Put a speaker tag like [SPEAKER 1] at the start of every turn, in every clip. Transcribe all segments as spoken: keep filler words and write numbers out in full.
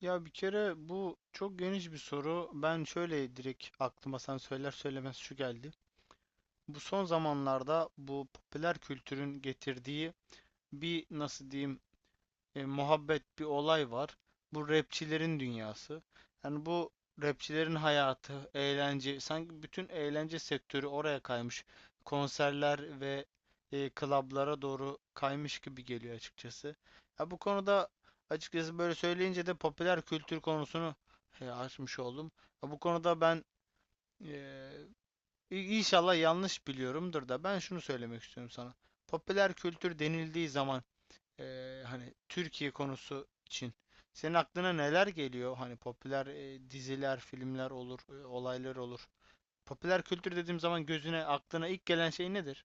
[SPEAKER 1] Ya bir kere bu çok geniş bir soru. Ben şöyle direkt aklıma sen söyler söylemez şu geldi. Bu son zamanlarda bu popüler kültürün getirdiği bir nasıl diyeyim e, muhabbet bir olay var. Bu rapçilerin dünyası. Yani bu rapçilerin hayatı, eğlence, sanki bütün eğlence sektörü oraya kaymış. Konserler ve e, klablara doğru kaymış gibi geliyor açıkçası. Ya bu konuda açıkçası böyle söyleyince de popüler kültür konusunu e, açmış oldum. Ya bu konuda ben e, İnşallah yanlış biliyorumdur da ben şunu söylemek istiyorum sana. Popüler kültür denildiği zaman e, hani Türkiye konusu için senin aklına neler geliyor? Hani popüler e, diziler, filmler olur, e, olaylar olur. Popüler kültür dediğim zaman gözüne, aklına ilk gelen şey nedir?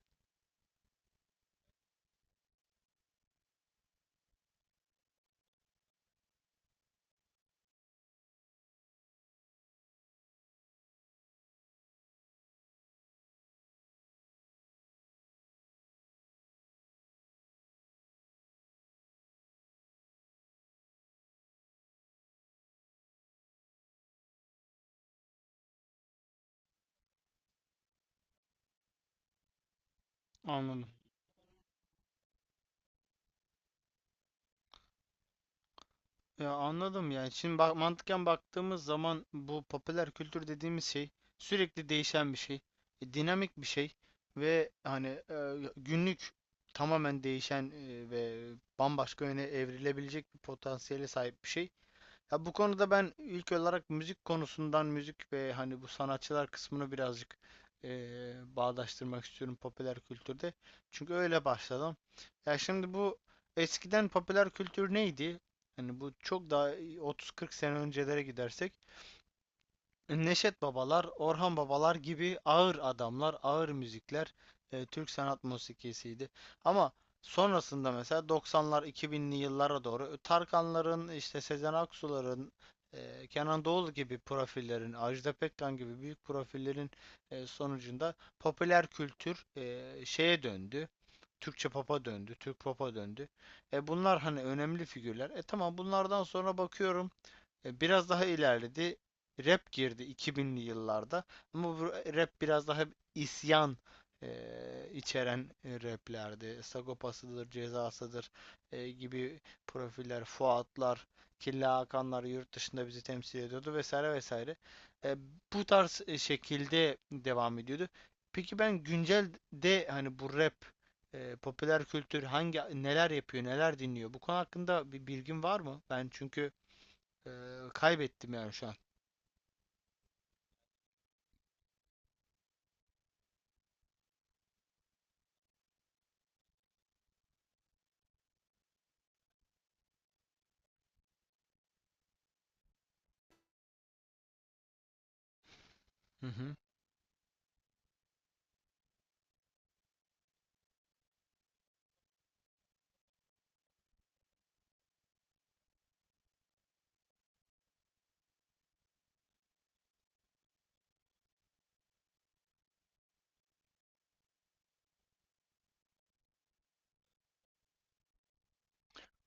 [SPEAKER 1] Anladım. Ya anladım yani. Şimdi bak mantıken baktığımız zaman bu popüler kültür dediğimiz şey sürekli değişen bir şey, e, dinamik bir şey ve hani e, günlük tamamen değişen e, ve bambaşka yöne evrilebilecek bir potansiyele sahip bir şey. Ya bu konuda ben ilk olarak müzik konusundan müzik ve hani bu sanatçılar kısmını birazcık eee, bağdaştırmak istiyorum popüler kültürde. Çünkü öyle başladım. Ya şimdi bu eskiden popüler kültür neydi? Hani bu çok daha otuz kırk sene öncelere gidersek Neşet Babalar, Orhan Babalar gibi ağır adamlar, ağır müzikler e, Türk sanat musikisiydi. Ama sonrasında mesela doksanlar, iki binli yıllara doğru e, Tarkanların, işte Sezen Aksu'ların, e, Kenan Doğulu gibi profillerin, Ajda Pekkan gibi büyük profillerin e, sonucunda popüler kültür e, şeye döndü. Türkçe pop'a döndü, Türk pop'a döndü. E bunlar hani önemli figürler. E tamam bunlardan sonra bakıyorum e, Biraz daha ilerledi. Rap girdi iki binli yıllarda. Ama bu rap biraz daha isyan e, içeren e, raplerdi. Sagopasıdır, cezasıdır e, gibi profiller, Fuatlar, Killa Hakanlar yurt dışında bizi temsil ediyordu vesaire vesaire. E, bu tarz e, şekilde devam ediyordu. Peki ben güncel de hani bu rap, e, popüler kültür hangi neler yapıyor, neler dinliyor? Bu konu hakkında bir bilgin var mı? Ben çünkü ee, kaybettim yani şu an. Hı hı.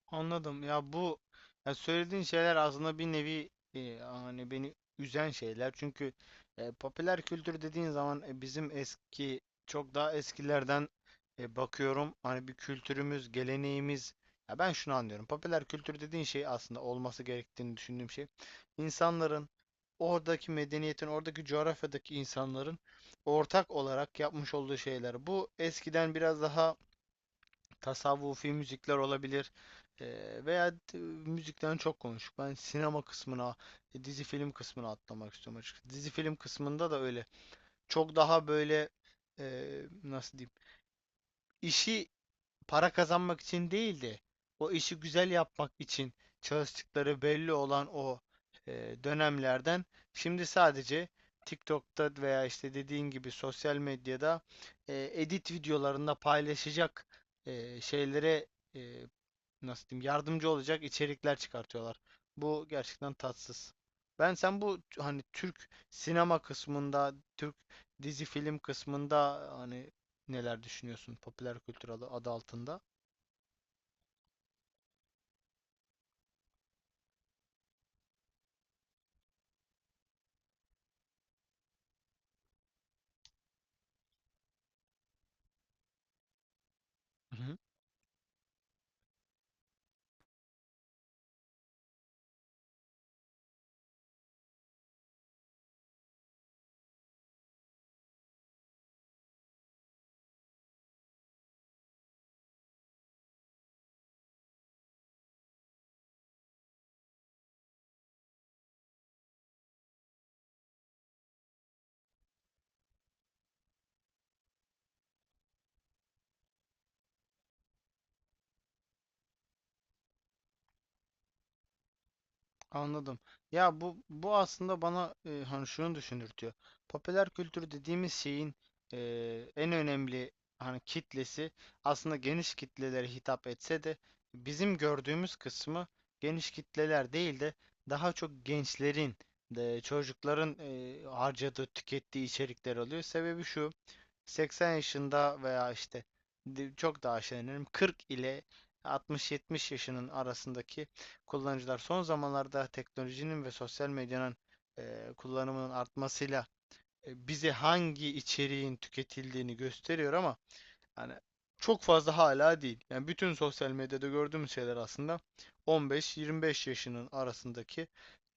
[SPEAKER 1] Anladım. Ya bu ya söylediğin şeyler aslında bir nevi e, hani beni üzen şeyler. Çünkü e, popüler kültür dediğin zaman e, bizim eski çok daha eskilerden e, bakıyorum. Hani bir kültürümüz, geleneğimiz. Ya ben şunu anlıyorum. Popüler kültür dediğin şey aslında olması gerektiğini düşündüğüm şey. İnsanların oradaki medeniyetin, oradaki coğrafyadaki insanların ortak olarak yapmış olduğu şeyler. Bu eskiden biraz daha tasavvufi müzikler olabilir. Eee, veya t- müzikten çok konuştuk. Ben sinema kısmına, e, dizi film kısmına atlamak istiyorum açıkçası. Dizi film kısmında da öyle. Çok daha böyle eee, nasıl diyeyim? İşi para kazanmak için değil de o işi güzel yapmak için çalıştıkları belli olan o eee, dönemlerden şimdi sadece TikTok'ta veya işte dediğin gibi sosyal medyada eee, edit videolarında paylaşacak eee, şeylere e, nasıl diyeyim yardımcı olacak içerikler çıkartıyorlar. Bu gerçekten tatsız. Ben sen bu t- hani Türk sinema kısmında, Türk dizi film kısmında hani neler düşünüyorsun popüler kültür adı, adı altında? Anladım. Ya bu bu aslında bana e, hani şunu düşündürtüyor. Popüler kültür dediğimiz şeyin e, en önemli hani kitlesi aslında geniş kitlelere hitap etse de bizim gördüğümüz kısmı geniş kitleler değil de daha çok gençlerin de çocukların e, harcadığı, tükettiği içerikler oluyor. Sebebi şu. seksen yaşında veya işte çok daha aşağı inelim kırk ile altmış yetmiş yaşının arasındaki kullanıcılar son zamanlarda teknolojinin ve sosyal medyanın e, kullanımının artmasıyla e, bize hangi içeriğin tüketildiğini gösteriyor ama hani çok fazla hala değil. Yani bütün sosyal medyada gördüğümüz şeyler aslında on beş yirmi beş yaşının arasındaki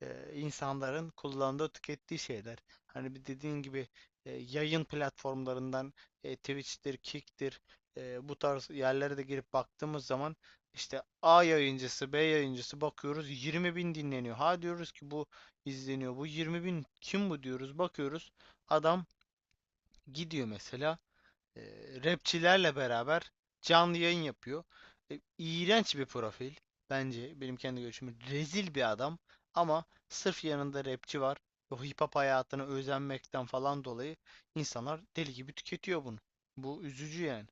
[SPEAKER 1] e, insanların kullandığı, tükettiği şeyler. Hani bir dediğin gibi e, yayın platformlarından e, Twitch'tir, Kick'tir e, bu tarz yerlere de girip baktığımız zaman işte A yayıncısı, B yayıncısı bakıyoruz yirmi bin dinleniyor. Ha diyoruz ki bu izleniyor. Bu yirmi bin kim bu diyoruz. Bakıyoruz adam gidiyor mesela e, rapçilerle beraber canlı yayın yapıyor. E, iğrenç bir profil bence benim kendi görüşüm. Rezil bir adam ama sırf yanında rapçi var. O hip hop hayatına özenmekten falan dolayı insanlar deli gibi tüketiyor bunu. Bu üzücü yani.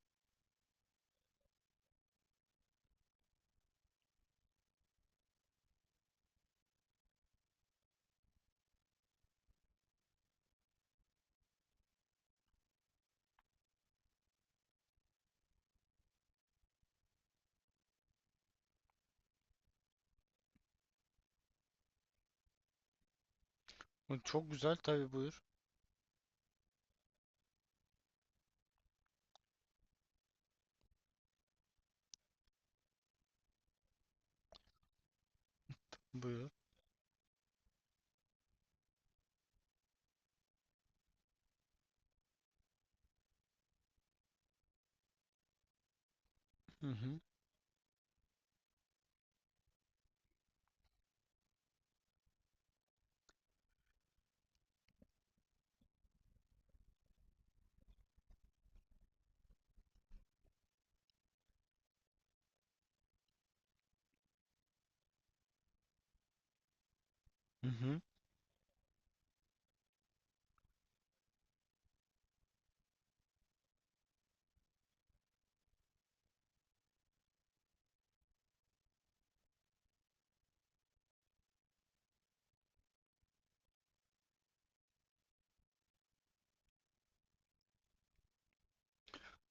[SPEAKER 1] Bu çok güzel tabii, buyur. Buyur. Hı hı. Hı hı.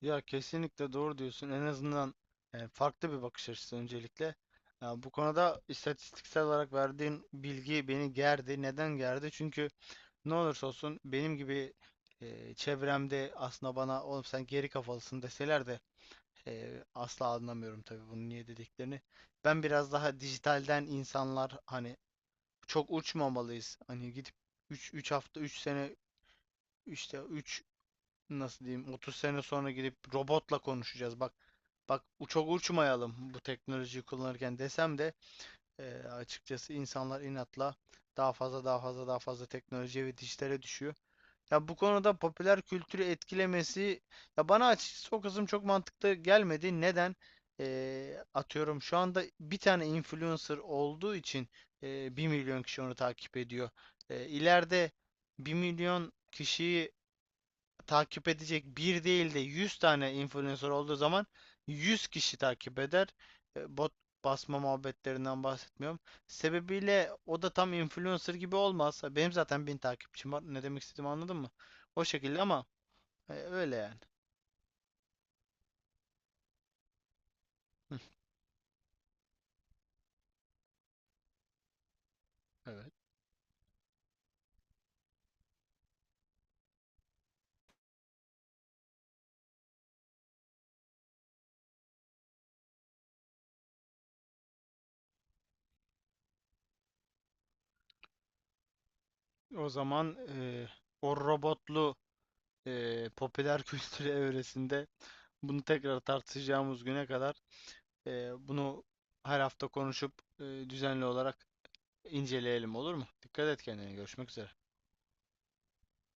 [SPEAKER 1] Ya kesinlikle doğru diyorsun. En azından e, farklı bir bakış açısı öncelikle. Ya bu konuda istatistiksel olarak verdiğin bilgi beni gerdi. Neden gerdi? Çünkü ne olursa olsun benim gibi e, çevremde aslında bana oğlum sen geri kafalısın deseler de e, asla anlamıyorum tabii bunu niye dediklerini. Ben biraz daha dijitalden insanlar hani çok uçmamalıyız. Hani gidip üç üç hafta üç sene işte üç nasıl diyeyim otuz sene sonra gidip robotla konuşacağız. Bak bak, u- çok uçmayalım bu teknolojiyi kullanırken desem de e, açıkçası insanlar inatla daha fazla daha fazla daha fazla teknolojiye ve dijitale düşüyor. Ya bu konuda popüler kültürü etkilemesi ya bana açıkçası o kısım çok mantıklı gelmedi. Neden? Ee, atıyorum şu anda bir tane influencer olduğu için e, bir milyon kişi onu takip ediyor. Ee, ileride bir milyon kişiyi takip edecek bir değil de yüz tane influencer olduğu zaman yüz kişi takip eder. E, Bot basma muhabbetlerinden bahsetmiyorum. Sebebiyle o da tam influencer gibi olmaz. Benim zaten bin takipçim var. Ne demek istediğimi anladın mı? O şekilde ama e, öyle yani. Hı. Evet. O zaman e, o robotlu e, popüler kültür evresinde bunu tekrar tartışacağımız güne kadar e, bunu her hafta konuşup e, düzenli olarak İnceleyelim olur mu? Dikkat et kendine. Görüşmek üzere.